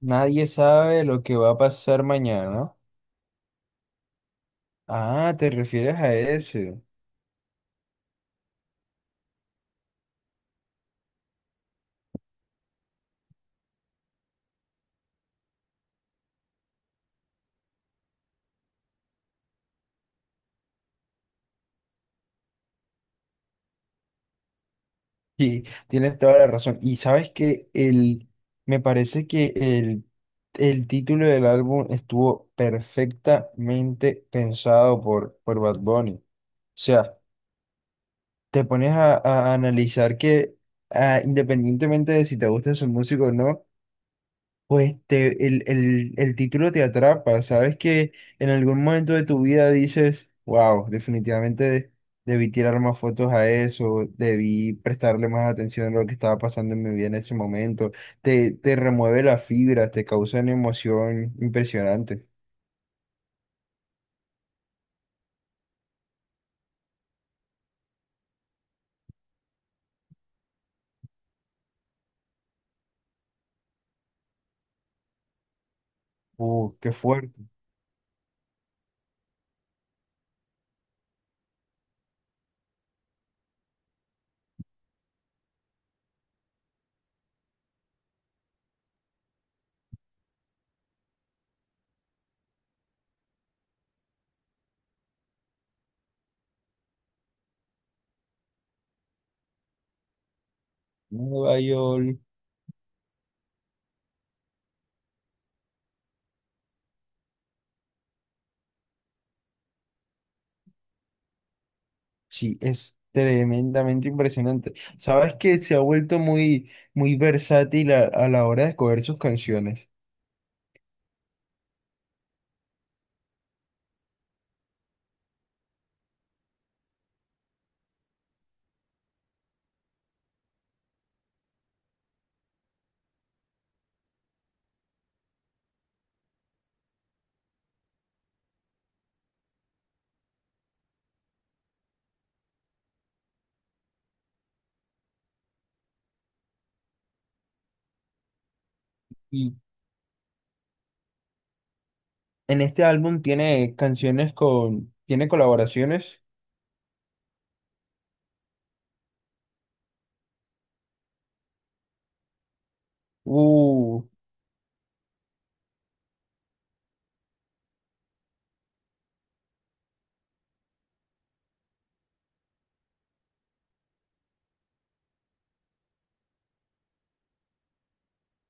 Nadie sabe lo que va a pasar mañana. Ah, te refieres a ese. Sí, tienes toda la razón. Y sabes que me parece que el título del álbum estuvo perfectamente pensado por Bad Bunny. O sea, te pones a analizar que independientemente de si te gusta su música o no, pues el título te atrapa, sabes que en algún momento de tu vida dices, wow, definitivamente debí tirar más fotos a eso, debí prestarle más atención a lo que estaba pasando en mi vida en ese momento, te remueve las fibras, te causa una emoción impresionante. Qué fuerte. Nueva York, sí, es tremendamente impresionante. Sabes que se ha vuelto muy, muy versátil a la hora de escoger sus canciones. En este álbum tiene canciones tiene colaboraciones. Uh,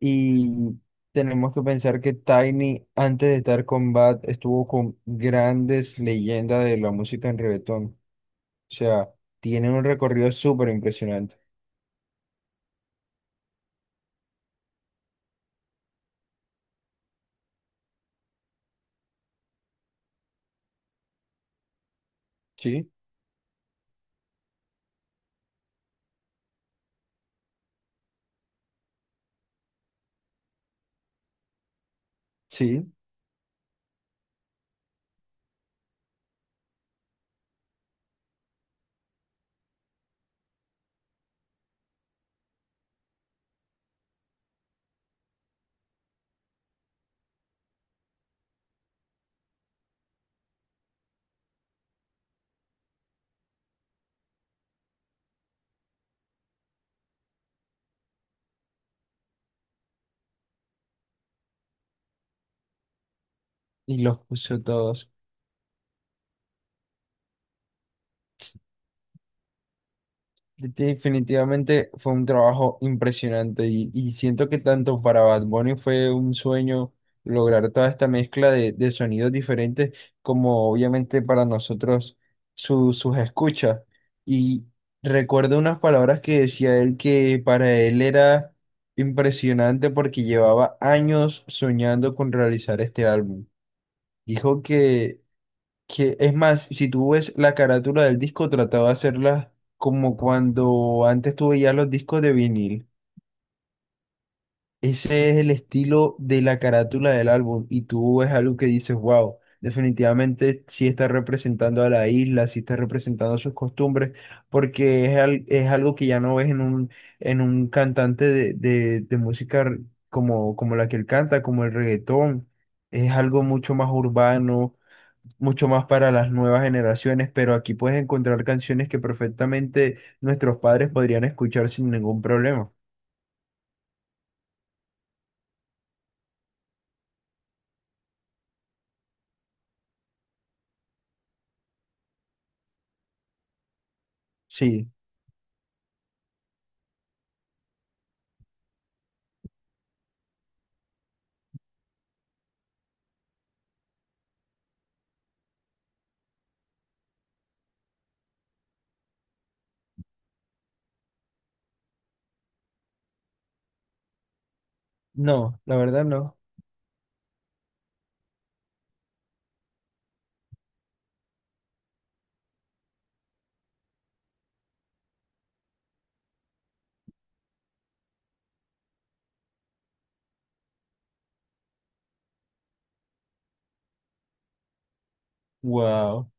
y tenemos que pensar que Tiny, antes de estar con Bad, estuvo con grandes leyendas de la música en reggaetón. O sea, tiene un recorrido súper impresionante. Sí, sí. Y los puso todos. Definitivamente fue un trabajo impresionante y siento que tanto para Bad Bunny fue un sueño lograr toda esta mezcla de sonidos diferentes como obviamente para nosotros sus escuchas. Y recuerdo unas palabras que decía él que para él era impresionante porque llevaba años soñando con realizar este álbum. Dijo que es más, si tú ves la carátula del disco, trataba de hacerla como cuando antes tú veías los discos de vinil. Ese es el estilo de la carátula del álbum. Y tú ves algo que dices, wow, definitivamente sí está representando a la isla, sí está representando sus costumbres, porque es algo que ya no ves en en un cantante de música como, como la que él canta, como el reggaetón. Es algo mucho más urbano, mucho más para las nuevas generaciones, pero aquí puedes encontrar canciones que perfectamente nuestros padres podrían escuchar sin ningún problema. Sí, no, la verdad no. Wow,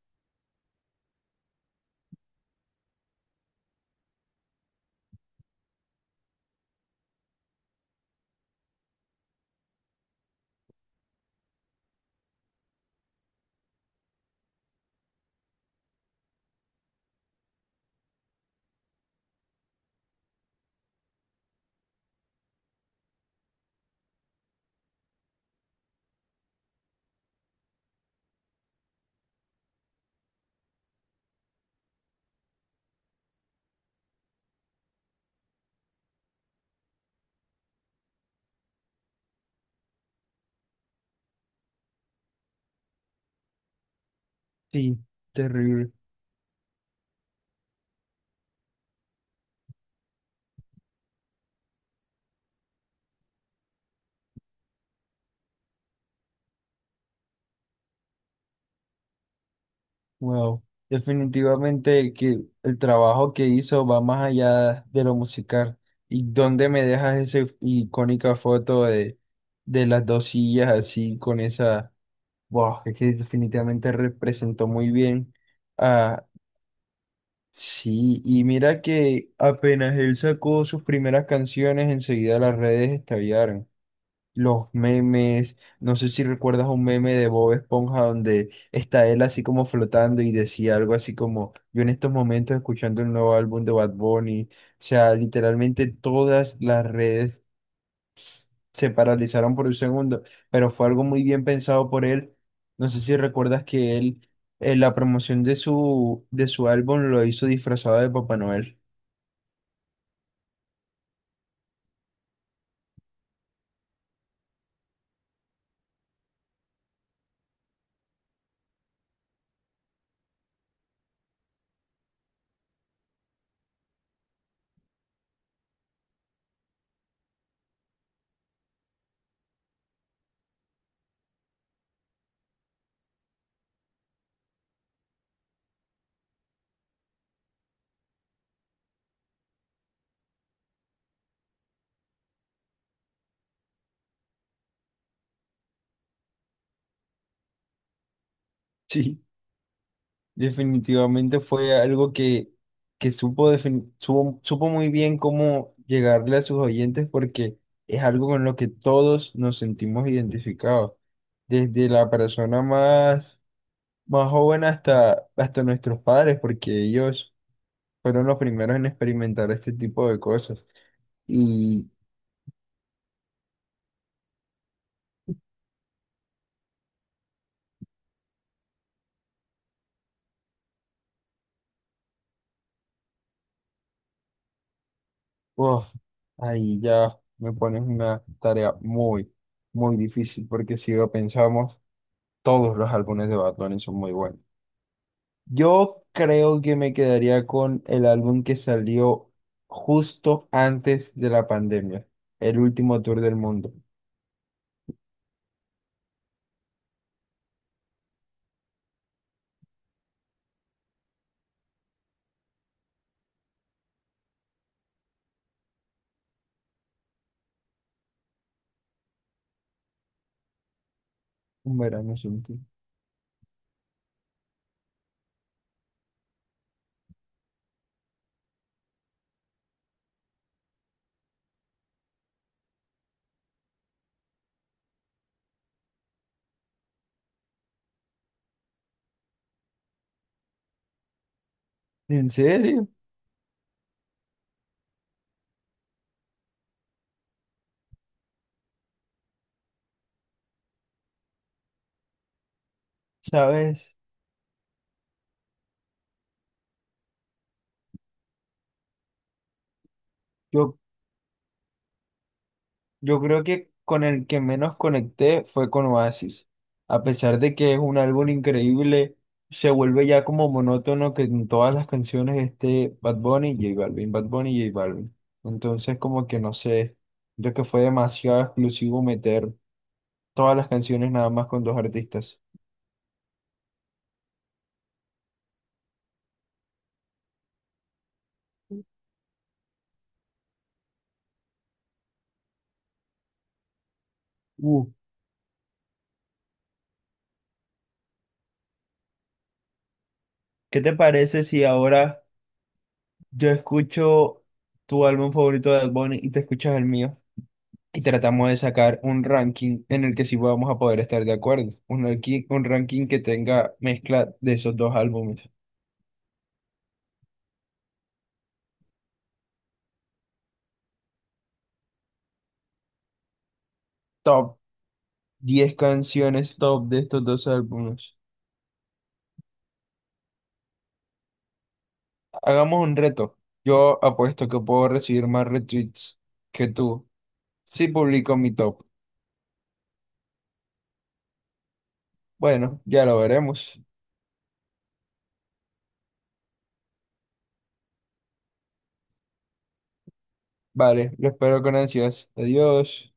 sí, terrible. Wow. Definitivamente que el trabajo que hizo va más allá de lo musical. ¿Y dónde me dejas esa icónica foto de las dos sillas así con esa... Wow, es que definitivamente representó muy bien. Sí, y mira que apenas él sacó sus primeras canciones, enseguida las redes estallaron. Los memes, no sé si recuerdas un meme de Bob Esponja donde está él así como flotando y decía algo así como, yo en estos momentos escuchando el nuevo álbum de Bad Bunny. O sea, literalmente todas las redes se paralizaron por un segundo, pero fue algo muy bien pensado por él. No sé si recuerdas que la promoción de su álbum lo hizo disfrazado de Papá Noel. Sí, definitivamente fue algo que supo muy bien cómo llegarle a sus oyentes porque es algo con lo que todos nos sentimos identificados, desde la persona más joven hasta nuestros padres, porque ellos fueron los primeros en experimentar este tipo de cosas. Y oh, ahí ya me pones una tarea muy, muy difícil porque si lo pensamos, todos los álbumes de Batman son muy buenos. Yo creo que me quedaría con el álbum que salió justo antes de la pandemia, el último tour del mundo, Un verano sin ti. ¿En serio? ¿Sabes? Yo, yo creo que con el que menos conecté fue con Oasis. A pesar de que es un álbum increíble, se vuelve ya como monótono que en todas las canciones esté Bad Bunny y J Balvin, Bad Bunny y J Balvin. Entonces como que no sé, yo que fue demasiado exclusivo meter todas las canciones nada más con dos artistas. Uh, ¿Qué te parece si ahora yo escucho tu álbum favorito de Bad Bunny y te escuchas el mío? Y tratamos de sacar un ranking en el que sí vamos a poder estar de acuerdo. Un ranking que tenga mezcla de esos dos álbumes. Top 10 canciones top de estos dos álbumes. Hagamos un reto. Yo apuesto que puedo recibir más retweets que tú si publico mi top. Bueno, ya lo veremos. Vale, lo espero con ansias. Adiós.